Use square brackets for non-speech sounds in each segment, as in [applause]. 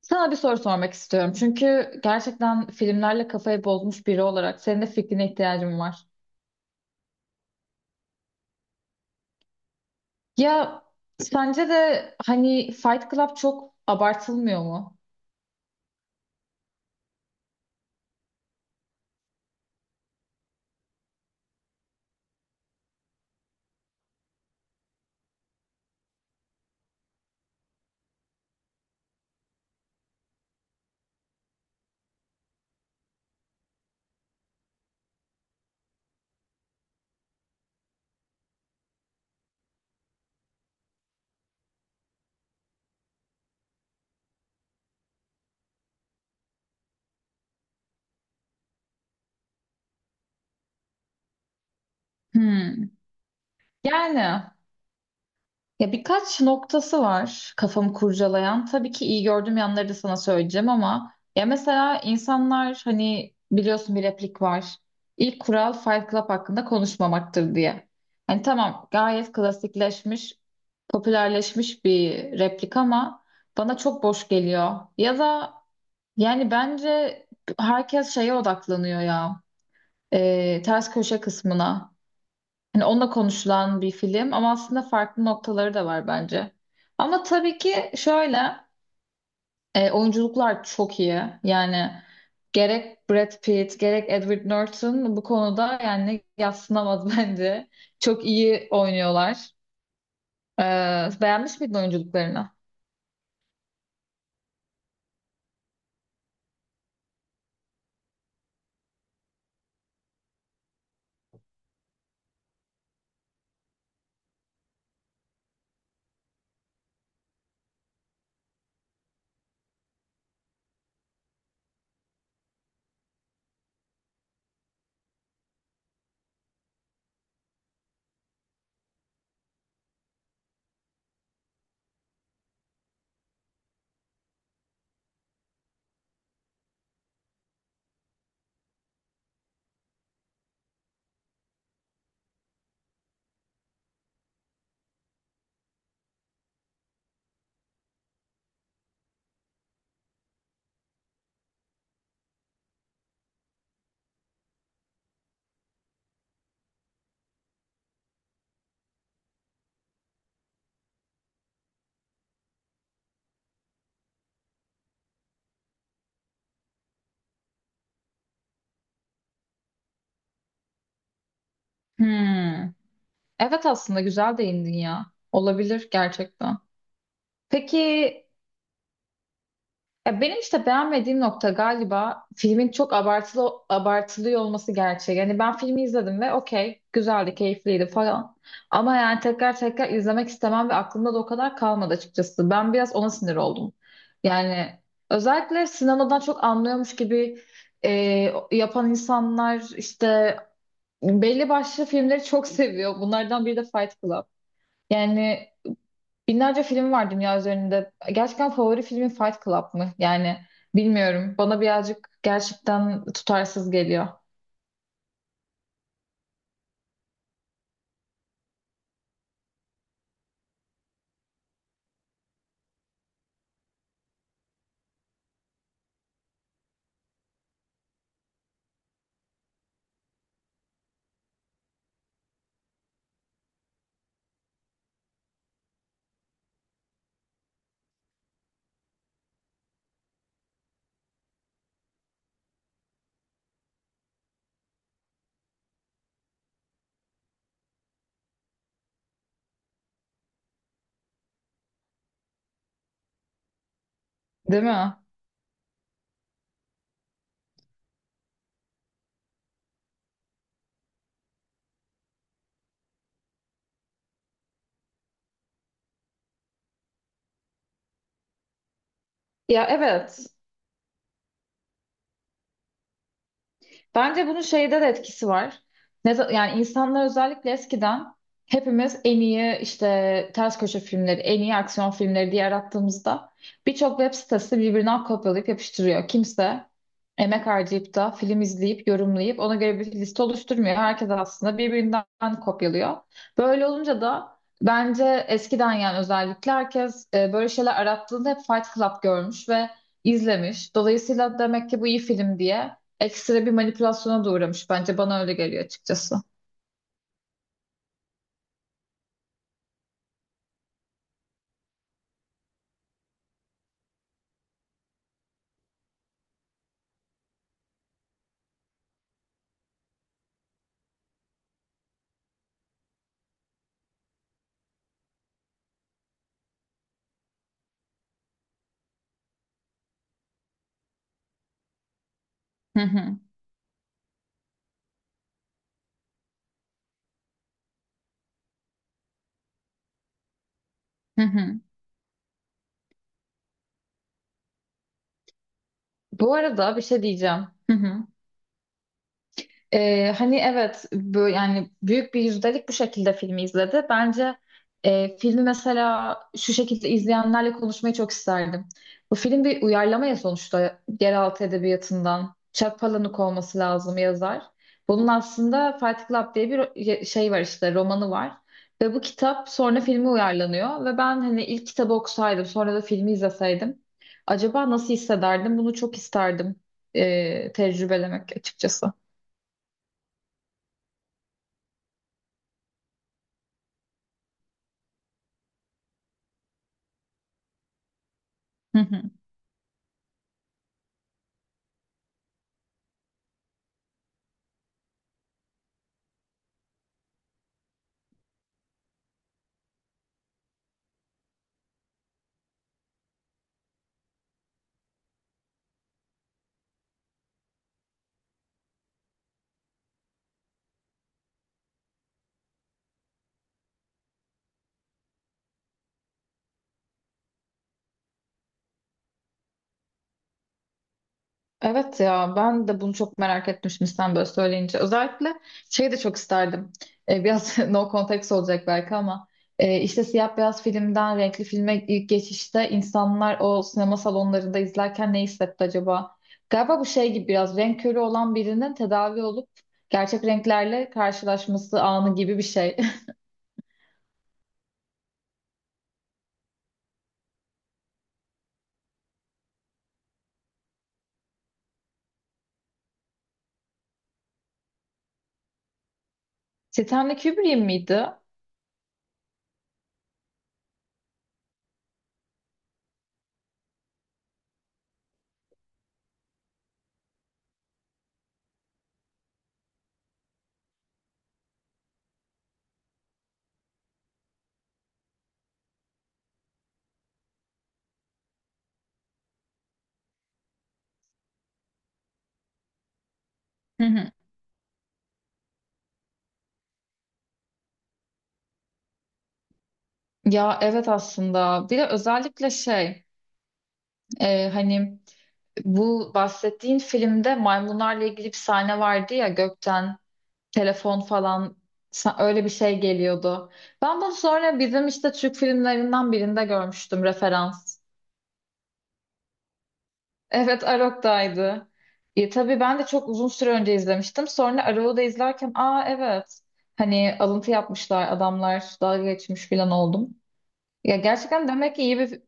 Sana bir soru sormak istiyorum. Çünkü gerçekten filmlerle kafayı bozmuş biri olarak senin de fikrine ihtiyacım var. Ya, sence de hani Fight Club çok abartılmıyor mu? Hmm. Yani Ya birkaç noktası var kafamı kurcalayan. Tabii ki iyi gördüğüm yanları da sana söyleyeceğim ama ya mesela insanlar hani biliyorsun bir replik var. İlk kural Fight Club hakkında konuşmamaktır diye. Hani tamam gayet klasikleşmiş, popülerleşmiş bir replik ama bana çok boş geliyor. Ya da yani bence herkes şeye odaklanıyor ya. Ters köşe kısmına. Hani onunla konuşulan bir film ama aslında farklı noktaları da var bence. Ama tabii ki şöyle oyunculuklar çok iyi. Yani gerek Brad Pitt gerek Edward Norton bu konuda yani yadsınamaz [laughs] bence. Çok iyi oynuyorlar. Beğenmiş miydin oyunculuklarını? Hmm. Evet, aslında güzel değindin ya. Olabilir gerçekten. Peki, ya benim işte beğenmediğim nokta galiba filmin çok abartılı abartılıyor olması gerçeği. Yani ben filmi izledim ve okey, güzeldi, keyifliydi falan. Ama yani tekrar tekrar izlemek istemem ve aklımda da o kadar kalmadı açıkçası. Ben biraz ona sinir oldum. Yani özellikle sinemadan çok anlıyormuş gibi e, yapan insanlar işte belli başlı filmleri çok seviyor. Bunlardan biri de Fight Club. Yani binlerce film var dünya üzerinde. Gerçekten favori filmin Fight Club mı? Yani bilmiyorum. Bana birazcık gerçekten tutarsız geliyor. Değil mi? Ya, evet. Bence bunun şeyde de etkisi var. Yani insanlar özellikle eskiden hepimiz en iyi işte ters köşe filmleri, en iyi aksiyon filmleri diye arattığımızda birçok web sitesi birbirinden kopyalayıp yapıştırıyor. Kimse emek harcayıp da film izleyip, yorumlayıp ona göre bir liste oluşturmuyor. Herkes aslında birbirinden kopyalıyor. Böyle olunca da bence eskiden yani özellikle herkes böyle şeyler arattığında hep Fight Club görmüş ve izlemiş. Dolayısıyla demek ki bu iyi film diye ekstra bir manipülasyona da uğramış, bence bana öyle geliyor açıkçası. Hı hı. Hı hı. Bu arada bir şey diyeceğim. Hı hı. Hani evet, bu yani büyük bir yüzdelik bu şekilde filmi izledi. Bence filmi mesela şu şekilde izleyenlerle konuşmayı çok isterdim. Bu film bir uyarlama ya sonuçta, yeraltı edebiyatından. Çapalanik olması lazım yazar. Bunun aslında Fight Club diye bir şey var, işte romanı var. Ve bu kitap sonra filme uyarlanıyor. Ve ben hani ilk kitabı okusaydım sonra da filmi izleseydim. Acaba nasıl hissederdim? Bunu çok isterdim tecrübelemek açıkçası. Hı hı. Evet ya, ben de bunu çok merak etmiştim sen böyle söyleyince. Özellikle şey de çok isterdim. Biraz [laughs] no context olacak belki ama işte siyah beyaz filmden renkli filme ilk geçişte insanlar o sinema salonlarında izlerken ne hissetti acaba? Galiba bu şey gibi, biraz renk körü olan birinin tedavi olup gerçek renklerle karşılaşması anı gibi bir şey. [laughs] Stanley Kubrick miydi? Hı hı. Ya evet, aslında bir de özellikle şey hani bu bahsettiğin filmde maymunlarla ilgili bir sahne vardı ya, gökten telefon falan öyle bir şey geliyordu. Ben bunu sonra bizim işte Türk filmlerinden birinde görmüştüm, referans. Evet, Arok'taydı. E, tabii ben de çok uzun süre önce izlemiştim. Sonra Arok'u da izlerken aa evet, hani alıntı yapmışlar, adamlar dalga geçmiş falan oldum. Ya gerçekten demek ki iyi bir...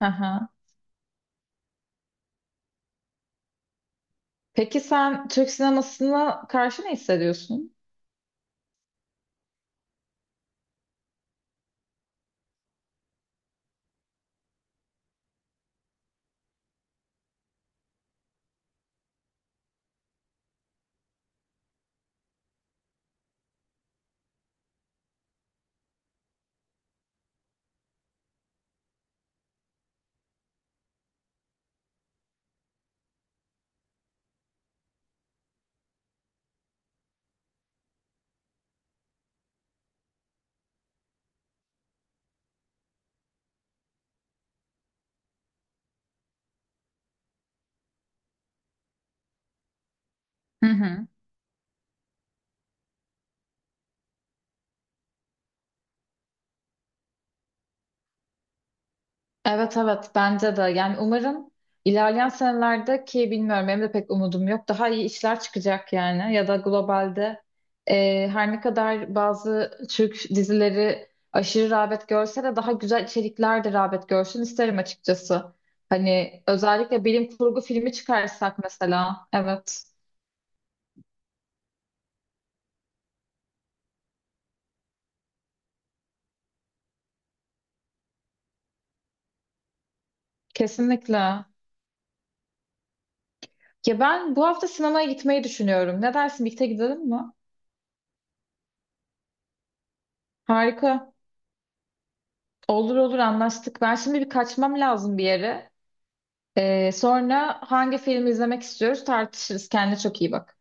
[laughs] Aha. Peki sen Türk sinemasına karşı ne hissediyorsun? Hı hı. Evet evet, bence de. Yani umarım ilerleyen senelerde, ki bilmiyorum benim de pek umudum yok. Daha iyi işler çıkacak yani, ya da globalde her ne kadar bazı Türk dizileri aşırı rağbet görse de daha güzel içerikler de rağbet görsün isterim açıkçası. Hani özellikle bilim kurgu filmi çıkarsak mesela. Evet, kesinlikle. Ya ben bu hafta sinemaya gitmeyi düşünüyorum. Ne dersin, birlikte gidelim mi? Harika. Olur olur, anlaştık. Ben şimdi bir kaçmam lazım bir yere. Sonra hangi filmi izlemek istiyoruz tartışırız. Kendine çok iyi bak.